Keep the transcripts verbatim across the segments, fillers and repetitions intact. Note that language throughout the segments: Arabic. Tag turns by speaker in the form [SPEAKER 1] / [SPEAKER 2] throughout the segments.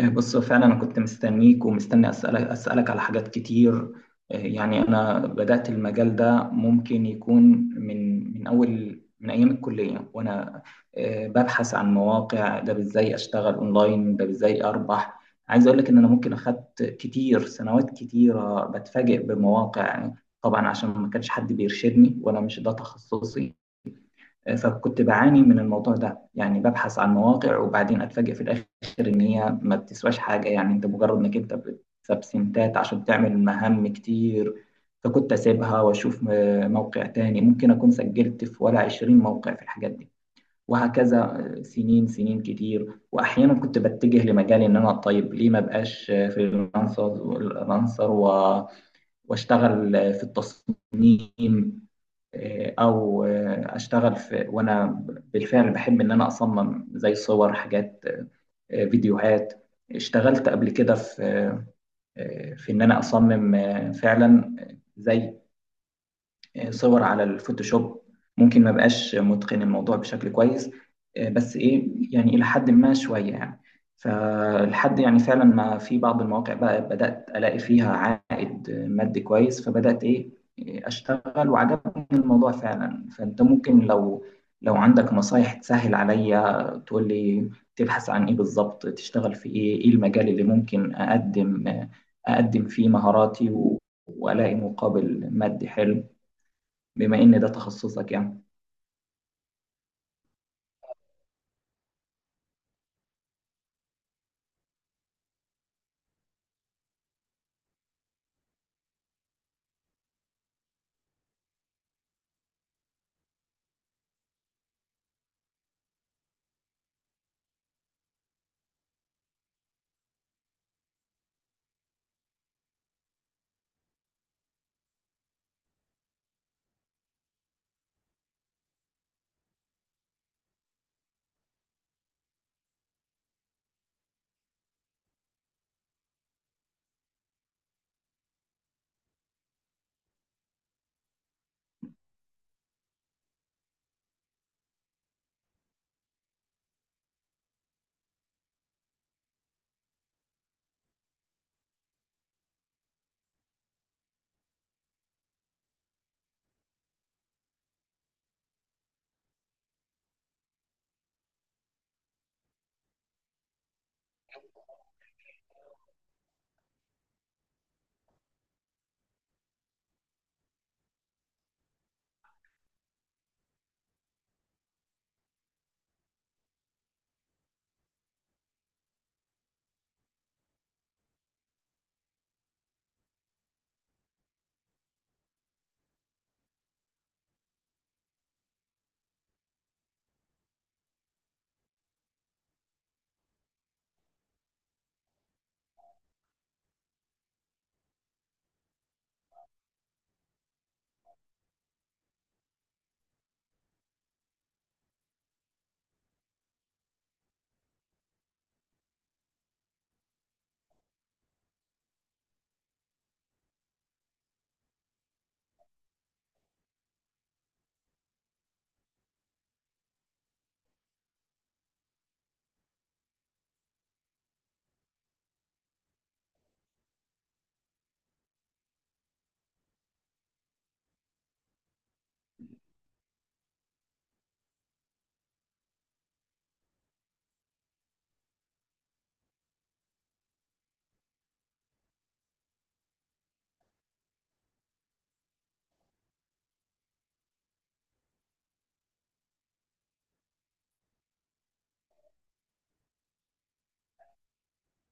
[SPEAKER 1] آه، بص فعلا انا كنت مستنيك ومستني اسالك اسالك على حاجات كتير. آه، يعني انا بدات المجال ده ممكن يكون من من اول من ايام الكليه، وانا آه، ببحث عن مواقع، ده ازاي اشتغل اونلاين، ده ازاي اربح. عايز اقول لك ان انا ممكن اخدت كتير سنوات كتيره بتفاجئ بمواقع، يعني طبعا عشان ما كانش حد بيرشدني وانا مش ده تخصصي. فكنت بعاني من الموضوع ده، يعني ببحث عن مواقع وبعدين اتفاجئ في الاخر ان هي ما بتسواش حاجه، يعني انت مجرد انك انت بتكسب سنتات عشان تعمل مهام كتير. فكنت اسيبها واشوف م- موقع تاني، ممكن اكون سجلت في ولا عشرين موقع في الحاجات دي، وهكذا سنين سنين كتير. واحيانا كنت بتجه لمجالي ان انا طيب ليه ما بقاش فريلانسر واشتغل في التصميم. آه، او آه، اشتغل في، وانا بالفعل بحب ان انا اصمم زي صور، حاجات، آه، فيديوهات. اشتغلت قبل كده في آه، في ان انا اصمم، آه، فعلا، زي آه، صور على الفوتوشوب. ممكن ما بقاش متقن الموضوع بشكل كويس، آه، بس ايه، يعني الى حد ما شويه يعني. فالحد يعني فعلا، ما في بعض المواقع بقى بدات الاقي فيها عائد آه، مادي كويس، فبدات ايه، آه، اشتغل وعجبني الموضوع فعلا. فانت ممكن لو لو عندك نصايح تسهل عليا تقول لي تبحث عن ايه بالظبط، تشتغل في ايه، ايه المجال اللي ممكن اقدم آه، اقدم فيه مهاراتي و- والاقي مقابل مادي حلو، بما ان ده تخصصك يعني.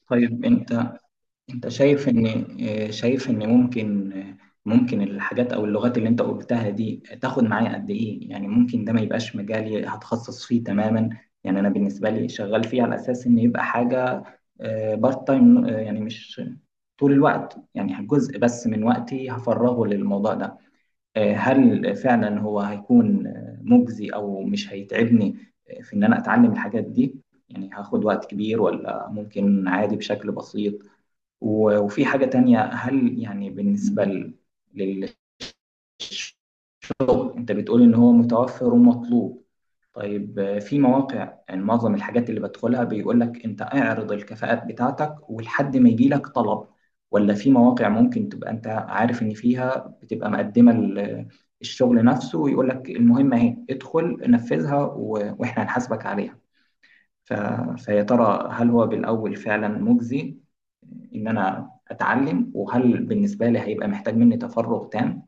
[SPEAKER 1] طيب انت، انت شايف ان آه، شايف ان ممكن، آه، ممكن الحاجات او اللغات اللي انت قلتها دي تاخد معايا قد ايه؟ يعني ممكن ده ما يبقاش مجالي هتخصص فيه تماما، يعني انا بالنسبه لي شغال فيه على اساس ان يبقى حاجه بارت تايم، يعني مش طول الوقت، يعني جزء بس من وقتي هفرغه للموضوع ده. آه، هل فعلا هو هيكون آه، مجزي او مش هيتعبني آه، في ان انا اتعلم الحاجات دي؟ يعني هاخد وقت كبير ولا ممكن عادي بشكل بسيط؟ و- وفي حاجة تانية، هل يعني بالنسبة لل- شغل انت بتقول ان هو متوفر ومطلوب، طيب آه، في مواقع، يعني معظم الحاجات اللي بدخلها بيقول لك انت اعرض الكفاءات بتاعتك ولحد ما يجي لك طلب، ولا في مواقع ممكن تبقى انت عارف ان فيها بتبقى مقدمة ال- الشغل نفسه ويقول لك المهمة اهي ادخل نفذها و- واحنا هنحاسبك عليها؟ ف... فيا ترى هل هو بالاول فعلا مجزي ان انا اتعلم، وهل بالنسبة لي هيبقى محتاج مني تفرغ تام؟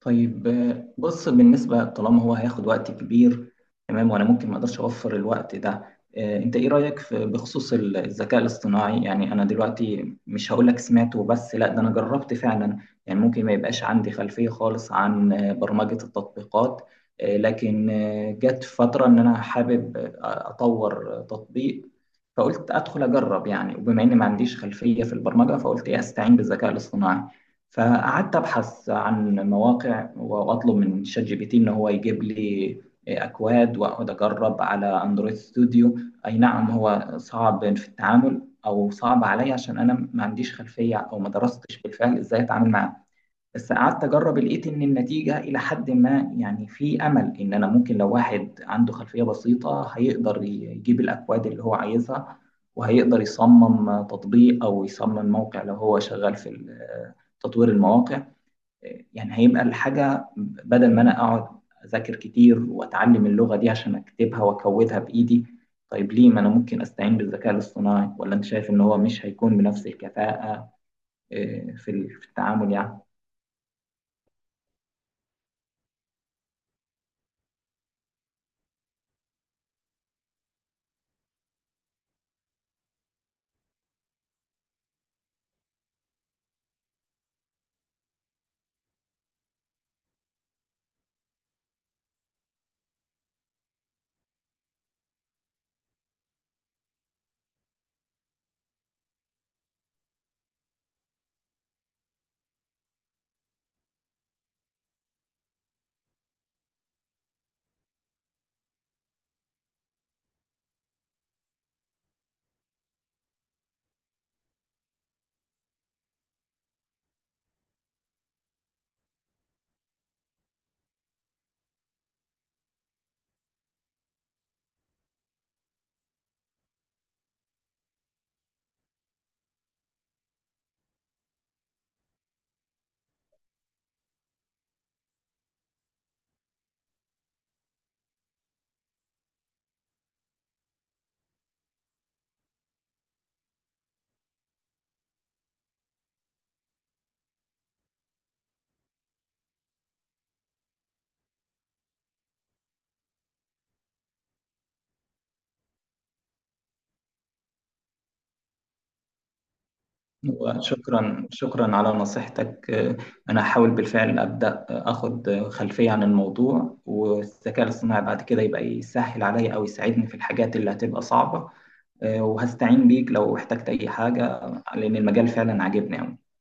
[SPEAKER 1] طيب آه، بص، بالنسبة طالما هو هياخد وقت كبير، تمام، وأنا ممكن ما أقدرش أوفر الوقت ده، آه، أنت إيه رأيك في بخصوص ال- الذكاء الاصطناعي؟ يعني أنا دلوقتي مش هقول لك سمعته، بس لا، ده أنا جربت فعلا. يعني ممكن ما يبقاش عندي خلفية خالص عن آه، برمجة التطبيقات، آه، لكن آه، جت فترة إن أنا حابب آه، أطور آه، تطبيق، فقلت أدخل أجرب يعني، وبما إني ما عنديش خلفية في البرمجة فقلت إيه، أستعين بالذكاء الاصطناعي. فقعدت أبحث عن مواقع واطلب من شات جي بي تي ان هو يجيب لي اكواد، واقعد اجرب على اندرويد ستوديو. اي نعم، هو صعب في التعامل او صعب عليا عشان انا ما عنديش خلفيه او ما درستش بالفعل ازاي اتعامل معاه، بس قعدت اجرب لقيت ان النتيجه الى حد ما، يعني في امل ان انا ممكن، لو واحد عنده خلفيه بسيطه هيقدر يجيب الاكواد اللي هو عايزها، وهيقدر يصمم تطبيق او يصمم موقع لو هو شغال في تطوير المواقع. يعني هيبقى الحاجة بدل ما أنا أقعد أذاكر كتير وأتعلم اللغة دي عشان أكتبها وأكودها بإيدي، طيب ليه ما أنا ممكن أستعين بالذكاء الاصطناعي؟ ولا أنت شايف إن هو مش هيكون بنفس الكفاءة آه، في ال- في التعامل يعني؟ وشكرا شكرا على نصيحتك. آه، أنا هحاول بالفعل أبدأ أخد خلفية عن الموضوع، والذكاء الاصطناعي بعد كده يبقى يسهل عليا أو يساعدني في الحاجات اللي هتبقى صعبة. آه، وهستعين بيك لو احتجت أي حاجة، لأن المجال فعلا عاجبني أوي.